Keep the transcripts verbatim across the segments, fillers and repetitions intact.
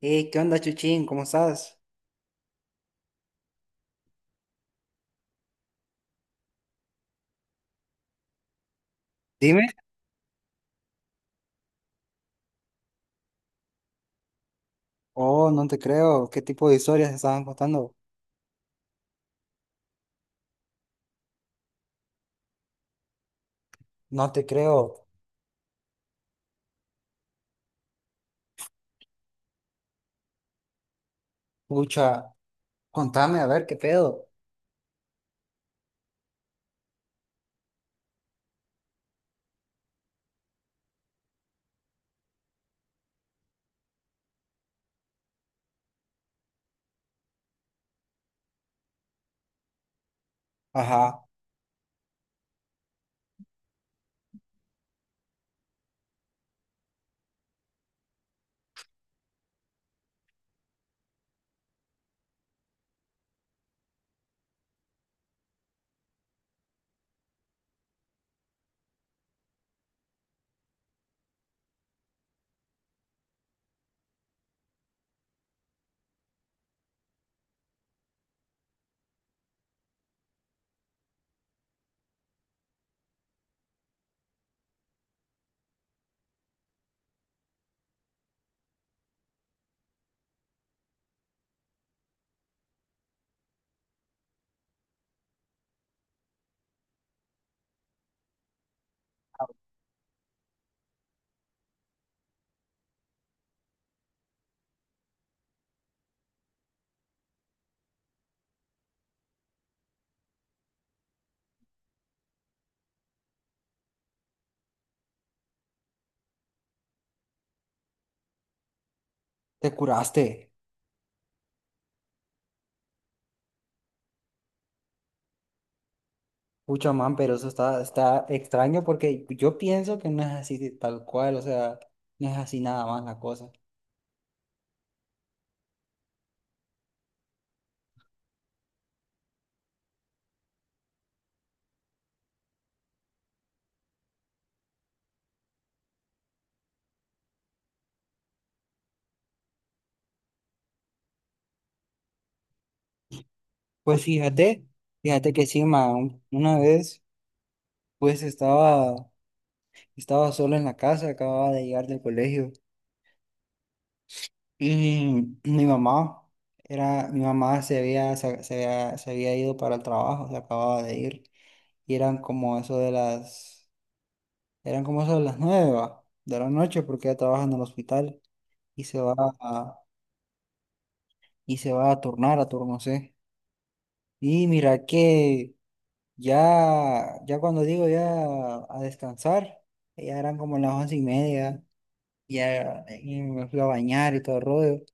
Eh, ¿qué onda, Chuchín? ¿Cómo estás? Dime. Oh, no te creo. ¿Qué tipo de historias estaban contando? No te creo. Pucha, contame, a ver, ¿qué pedo? Ajá, te curaste. Pucha, man, pero eso está, está extraño porque yo pienso que no es así de tal cual, o sea, no es así nada más la cosa. Pues fíjate, fíjate que sí, man, una vez, pues estaba, estaba solo en la casa, acababa de llegar del colegio. Y mi mamá era, mi mamá se había, se, se había, se había ido para el trabajo, se acababa de ir, y eran como eso de las, eran como eso de las nueve va, de la noche, porque ella trabaja en el hospital y se va a, y se va a turnar a turno C. Y mira que ya, ya cuando digo ya a descansar, ya eran como las once y media, ya y me fui a bañar y todo el rollo.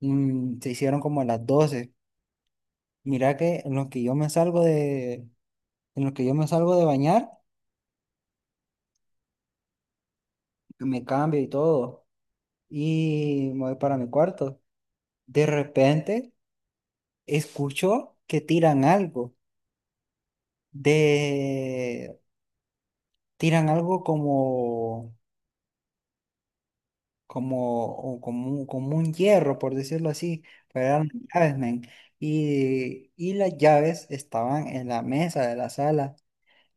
Mm, se hicieron como a las doce. Mira que en los que yo me salgo de, en los que yo me salgo de bañar, me cambio y todo, y me voy para mi cuarto. De repente escucho que tiran algo, de, tiran algo como, como, o como, un- como un hierro, por decirlo así, pero eran llaves, men. Y, y las llaves estaban en la mesa de la sala.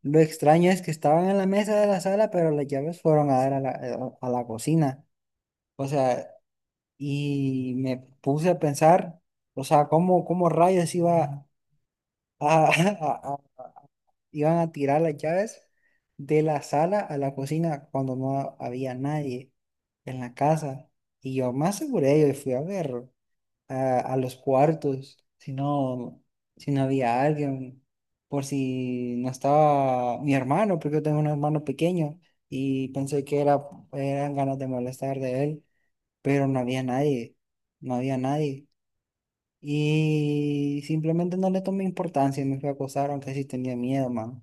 Lo extraño es que estaban en la mesa de la sala, pero las llaves fueron a dar a la, a la cocina. O sea, y me puse a pensar, o sea, cómo, cómo rayos iba a, a- a- iban a tirar las llaves de la sala a la cocina cuando no había nadie en la casa. Y yo me aseguré, yo fui a ver a, a los cuartos, si no, si no había alguien, por si no estaba mi hermano, porque yo tengo un hermano pequeño y pensé que era, eran ganas de molestar de él pero no había nadie, no había nadie. Y simplemente no le tomé importancia y me fui a acosar, aunque sí tenía miedo, mano.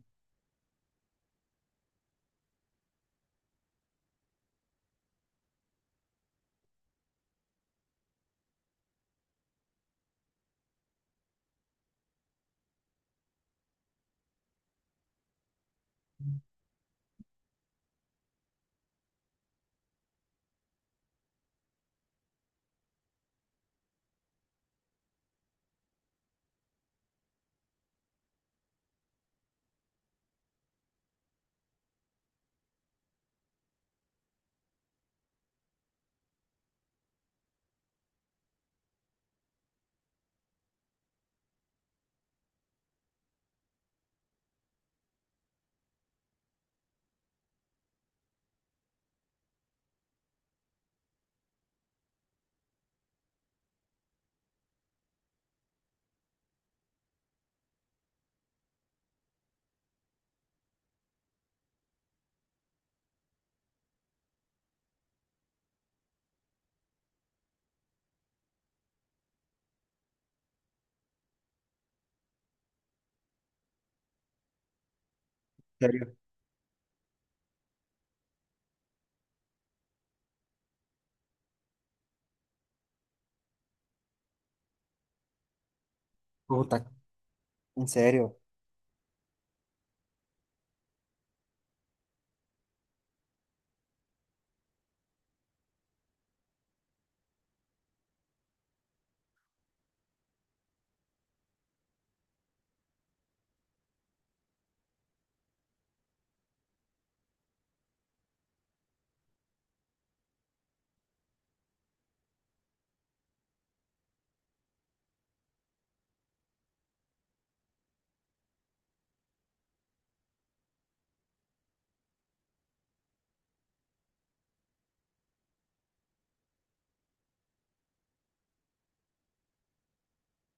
¿En serio? Puta, en serio,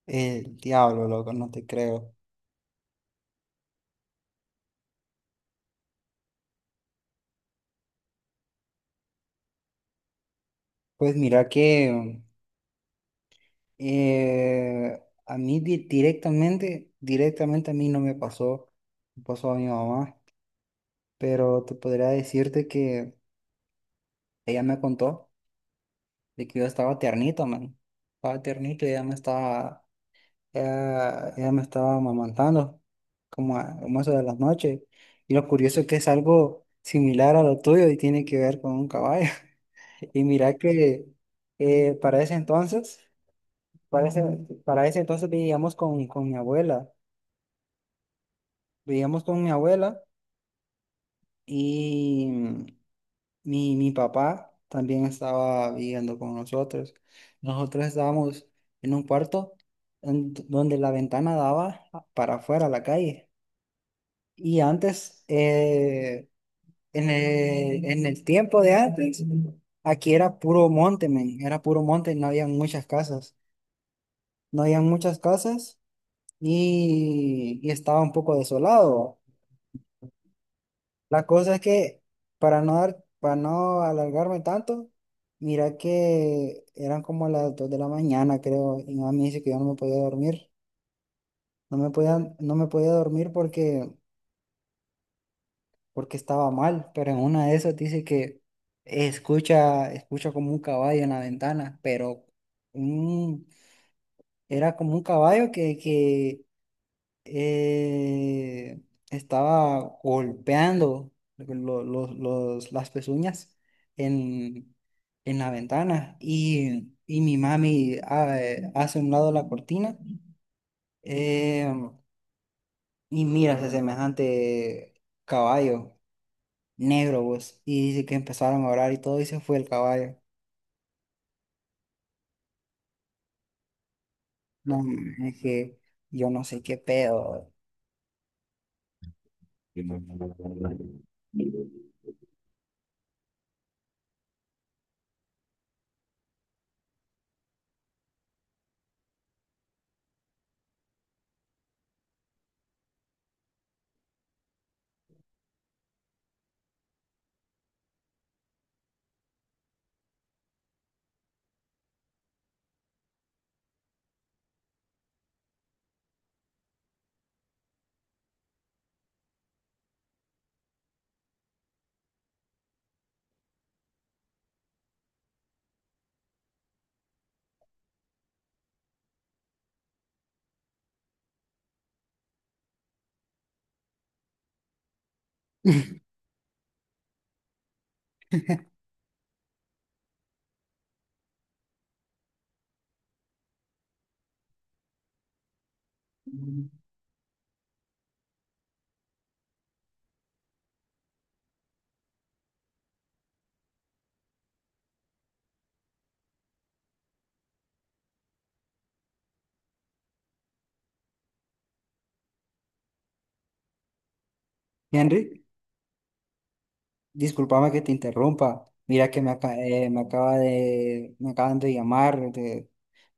el diablo, loco, no te creo. Pues mira que eh, a mí di- directamente, directamente a mí no me pasó, me pasó a mi mamá, pero te podría decirte que ella me contó de que yo estaba tiernito, man. Estaba tiernito y ella me estaba Ella, ella me estaba amamantando como a, como eso de las noches. Y lo curioso es que es algo similar a lo tuyo y tiene que ver con un caballo. Y mira que eh, para ese entonces, para ese, para ese entonces vivíamos con, con mi abuela. Vivíamos con mi abuela y mm, mi, mi papá también estaba viviendo con nosotros. Nosotros estábamos en un cuarto en- donde la ventana daba para afuera a la calle. Y antes, eh, en el, en el tiempo de antes, aquí era puro monte, men, era puro monte y no había muchas casas. No había muchas casas y, y estaba un poco desolado. La cosa es que, para no dar, para no alargarme tanto, mira que eran como las dos de la mañana, creo, y mi mamá me dice que yo no me podía dormir. No me podía, no me podía dormir porque porque estaba mal, pero en una de esas dice que escucha, escucha como un caballo en la ventana, pero un- era como un caballo que, que eh, estaba golpeando lo- lo- los, las pezuñas en, en la ventana y, y mi mami ah, eh, hace a un lado la cortina eh, y mira ese semejante caballo negro, vos. Y dice que empezaron a orar y todo, y se fue el caballo. No, man, es que yo no sé qué pedo. Henry, discúlpame que te interrumpa. Mira que me, aca- eh, me acaba de, me acaban de llamar de,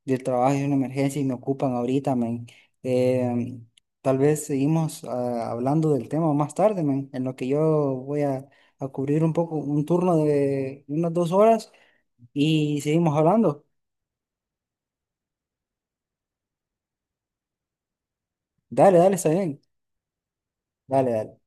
del trabajo, es una emergencia y me ocupan ahorita, men. Eh, tal vez seguimos ah, hablando del tema más tarde, men, en lo que yo voy a, a cubrir un poco, un turno de unas dos horas y seguimos hablando. Dale, dale, está bien. Dale, dale.